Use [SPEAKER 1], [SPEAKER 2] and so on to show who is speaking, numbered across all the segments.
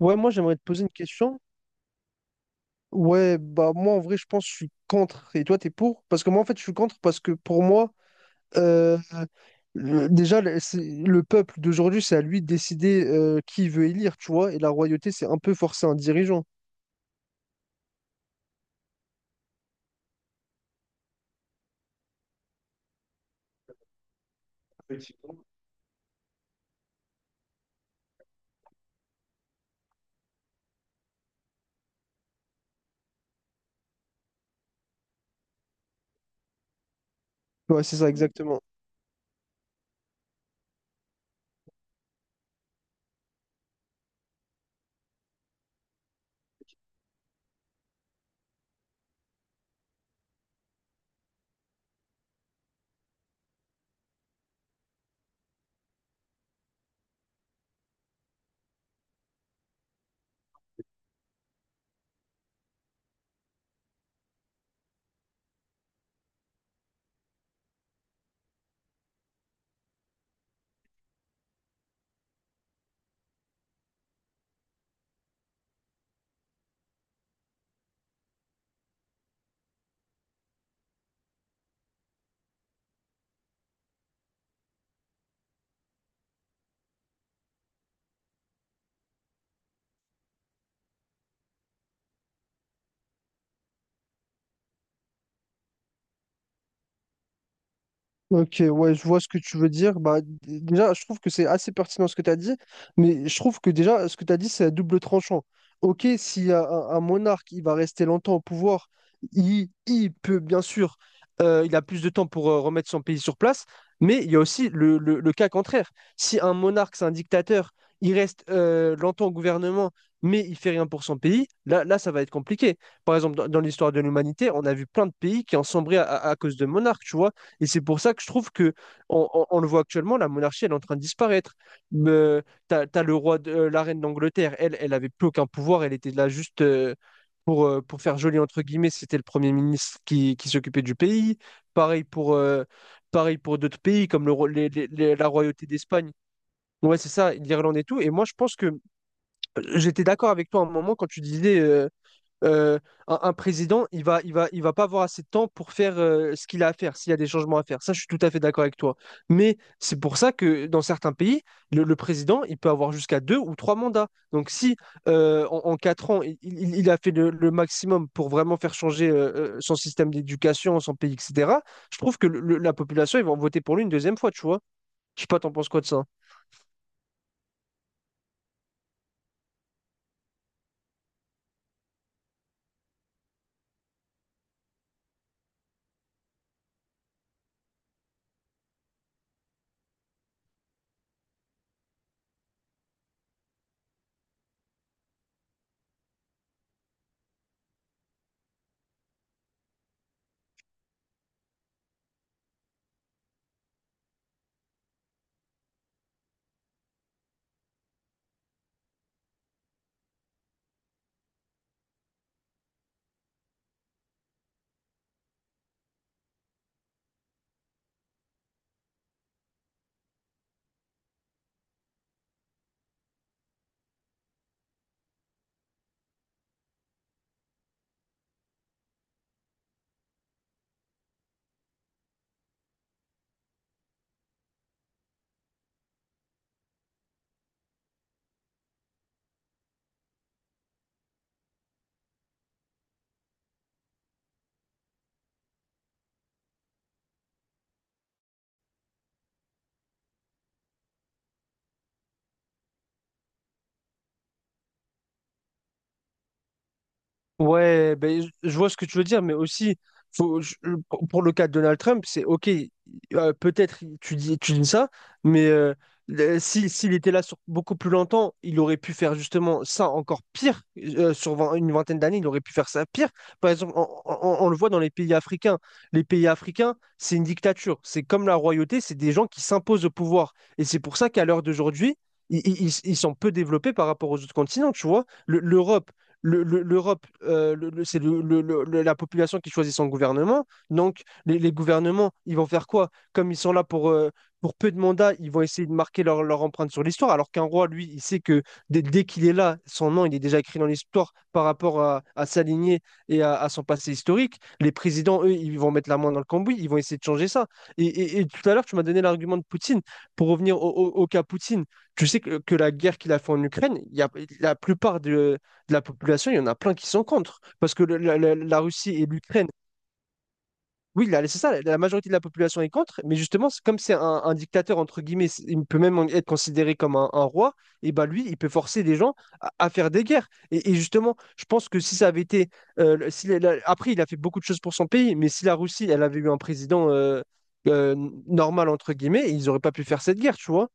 [SPEAKER 1] Ouais, moi j'aimerais te poser une question. Ouais, bah moi en vrai je pense que je suis contre et toi t'es pour. Parce que moi en fait je suis contre parce que pour moi, euh, le- déjà le c'est- le peuple d'aujourd'hui c'est à lui de décider qui il veut élire, tu vois, et la royauté c'est un peu forcer un dirigeant. Ouais, c'est ça exactement. Ok, ouais, je vois ce que tu veux dire. Bah, déjà, je trouve que c'est assez pertinent ce que tu as dit, mais je trouve que déjà, ce que tu as dit, c'est à double tranchant. Ok, si un monarque, il va rester longtemps au pouvoir, il peut, bien sûr, il a plus de temps pour remettre son pays sur place, mais il y a aussi le cas contraire. Si un monarque, c'est un dictateur, il reste longtemps au gouvernement, mais il fait rien pour son pays, là, là, ça va être compliqué. Par exemple, dans l'histoire de l'humanité, on a vu plein de pays qui ont sombré à cause de monarques, tu vois. Et c'est pour ça que je trouve que on le voit actuellement, la monarchie, elle est en train de disparaître. Mais, t'as la reine d'Angleterre, elle avait plus aucun pouvoir, elle était là juste pour faire joli entre guillemets, c'était le premier ministre qui s'occupait du pays. Pareil pour, euh, pareil pour d'autres pays comme le, ro- les- la royauté d'Espagne. Ouais, c'est ça, l'Irlande et tout. Et moi, je pense que j'étais d'accord avec toi à un moment quand tu disais euh, un président, il va pas avoir assez de temps pour faire ce qu'il a à faire, s'il y a des changements à faire. Ça, je suis tout à fait d'accord avec toi. Mais c'est pour ça que dans certains pays, le président, il peut avoir jusqu'à deux ou trois mandats. Donc si en 4 ans, il a fait le maximum pour vraiment faire changer son système d'éducation, son pays, etc., je trouve que la population, ils vont voter pour lui une deuxième fois, tu vois. Je sais pas, t'en penses quoi de ça? Ouais, ben, je vois ce que tu veux dire, mais aussi, pour le cas de Donald Trump, c'est OK, peut-être tu dis ça, mais si, s'il était là sur beaucoup plus longtemps, il aurait pu faire justement ça encore pire. Sur une vingtaine d'années, il aurait pu faire ça pire. Par exemple, on le voit dans les pays africains. Les pays africains, c'est une dictature. C'est comme la royauté, c'est des gens qui s'imposent au pouvoir. Et c'est pour ça qu'à l'heure d'aujourd'hui, i- ils sont peu développés par rapport aux autres continents, tu vois. L'Europe, c'est la population qui choisit son gouvernement. Donc, les gouvernements, ils vont faire quoi? Comme ils sont là pour peu de mandats, ils vont essayer de marquer leur empreinte sur l'histoire. Alors qu'un roi, lui, il sait que dès qu'il est là, son nom, il est déjà écrit dans l'histoire par rapport à sa lignée et à son passé historique. Les présidents, eux, ils vont mettre la main dans le cambouis, ils vont essayer de changer ça. Et tout à l'heure, tu m'as donné l'argument de Poutine. Pour revenir au cas Poutine, tu sais que la guerre qu'il a fait en Ukraine, la plupart de la population, il y en a plein qui sont contre. Parce que la Russie et l'Ukraine, oui, là, c'est ça, la majorité de la population est contre, mais justement, comme c'est un dictateur, entre guillemets, il peut même être considéré comme un roi, et bah lui, il peut forcer les gens à faire des guerres. Et justement, je pense que si ça avait été. Le- si la- la- après, il a fait beaucoup de choses pour son pays, mais si la Russie, elle avait eu un président euh, normal, entre guillemets, ils n'auraient pas pu faire cette guerre, tu vois.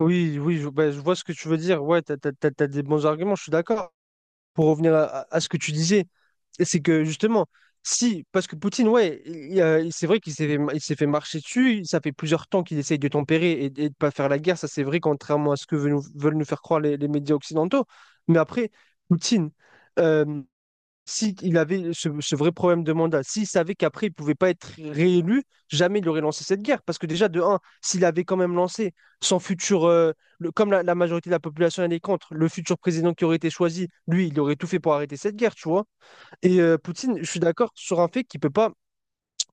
[SPEAKER 1] Oui, oui, bah, je vois ce que tu veux dire. Ouais, t'as des bons arguments, je suis d'accord. Pour revenir à ce que tu disais, c'est que justement, si, parce que Poutine, ouais, c'est vrai qu'il s'est fait marcher dessus, ça fait plusieurs temps qu'il essaye de tempérer et de ne pas faire la guerre, ça c'est vrai, contrairement à ce que veulent nous faire croire les médias occidentaux. Mais après, Poutine, euh, si il avait ce vrai problème de mandat, s'il savait qu'après il pouvait pas être réélu, jamais il aurait lancé cette guerre. Parce que déjà, de un, s'il avait quand même lancé son futur, comme la majorité de la population elle est contre, le futur président qui aurait été choisi, lui, il aurait tout fait pour arrêter cette guerre, tu vois. Et Poutine, je suis d'accord sur un fait qu'il peut pas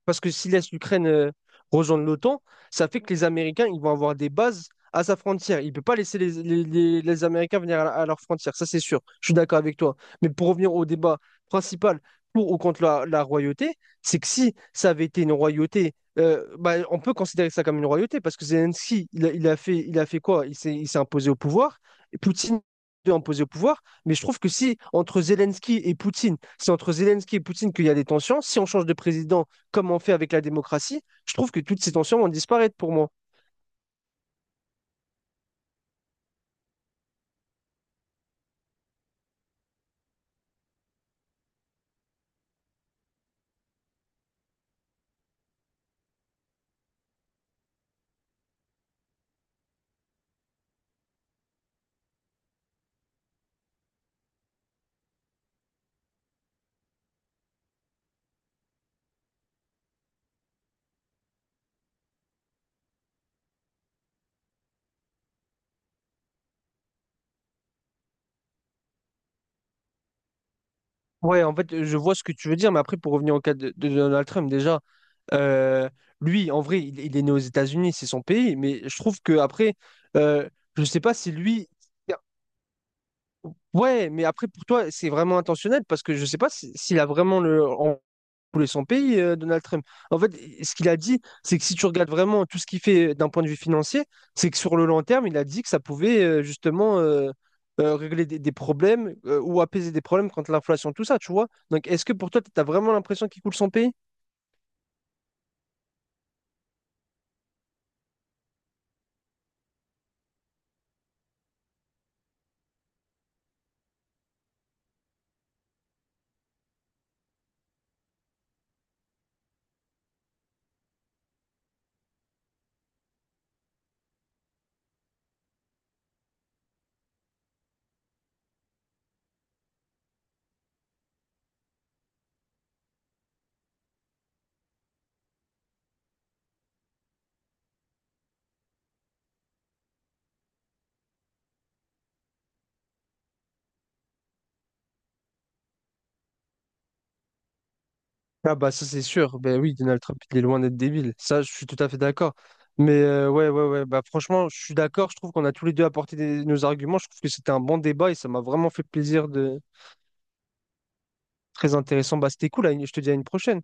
[SPEAKER 1] parce que s'il laisse l'Ukraine rejoindre l'OTAN, ça fait que les Américains, ils vont avoir des bases à sa frontière. Il ne peut pas laisser les Américains venir à leur frontière, ça c'est sûr. Je suis d'accord avec toi. Mais pour revenir au débat principal pour ou contre la royauté, c'est que si ça avait été une royauté, bah, on peut considérer ça comme une royauté parce que Zelensky, il a fait quoi? Il s'est imposé au pouvoir. Et Poutine est imposé au pouvoir. Mais je trouve que si entre Zelensky et Poutine, c'est entre Zelensky et Poutine qu'il y a des tensions, si on change de président, comme on fait avec la démocratie, je trouve que toutes ces tensions vont disparaître pour moi. Ouais, en fait, je vois ce que tu veux dire, mais après, pour revenir au cas de Donald Trump, déjà, euh, lui, en vrai, il est né aux États-Unis, c'est son pays, mais je trouve que après, euh, je ne sais pas si lui, ouais, mais après, pour toi, c'est vraiment intentionnel parce que je sais pas s'il a vraiment voulait son pays, Donald Trump. En fait, ce qu'il a dit, c'est que si tu regardes vraiment tout ce qu'il fait d'un point de vue financier, c'est que sur le long terme, il a dit que ça pouvait justement régler des problèmes ou apaiser des problèmes contre l'inflation, tout ça, tu vois. Donc, est-ce que pour toi, tu as vraiment l'impression qu'il coule son pays? Ah bah ça c'est sûr, ben oui, Donald Trump il est loin d'être débile, ça je suis tout à fait d'accord. Mais ouais, ouais, ouais, bah franchement je suis d'accord, je trouve qu'on a tous les deux apporté nos arguments, je trouve que c'était un bon débat et ça m'a vraiment fait plaisir de... Très intéressant, bah c'était cool, je te dis à une prochaine.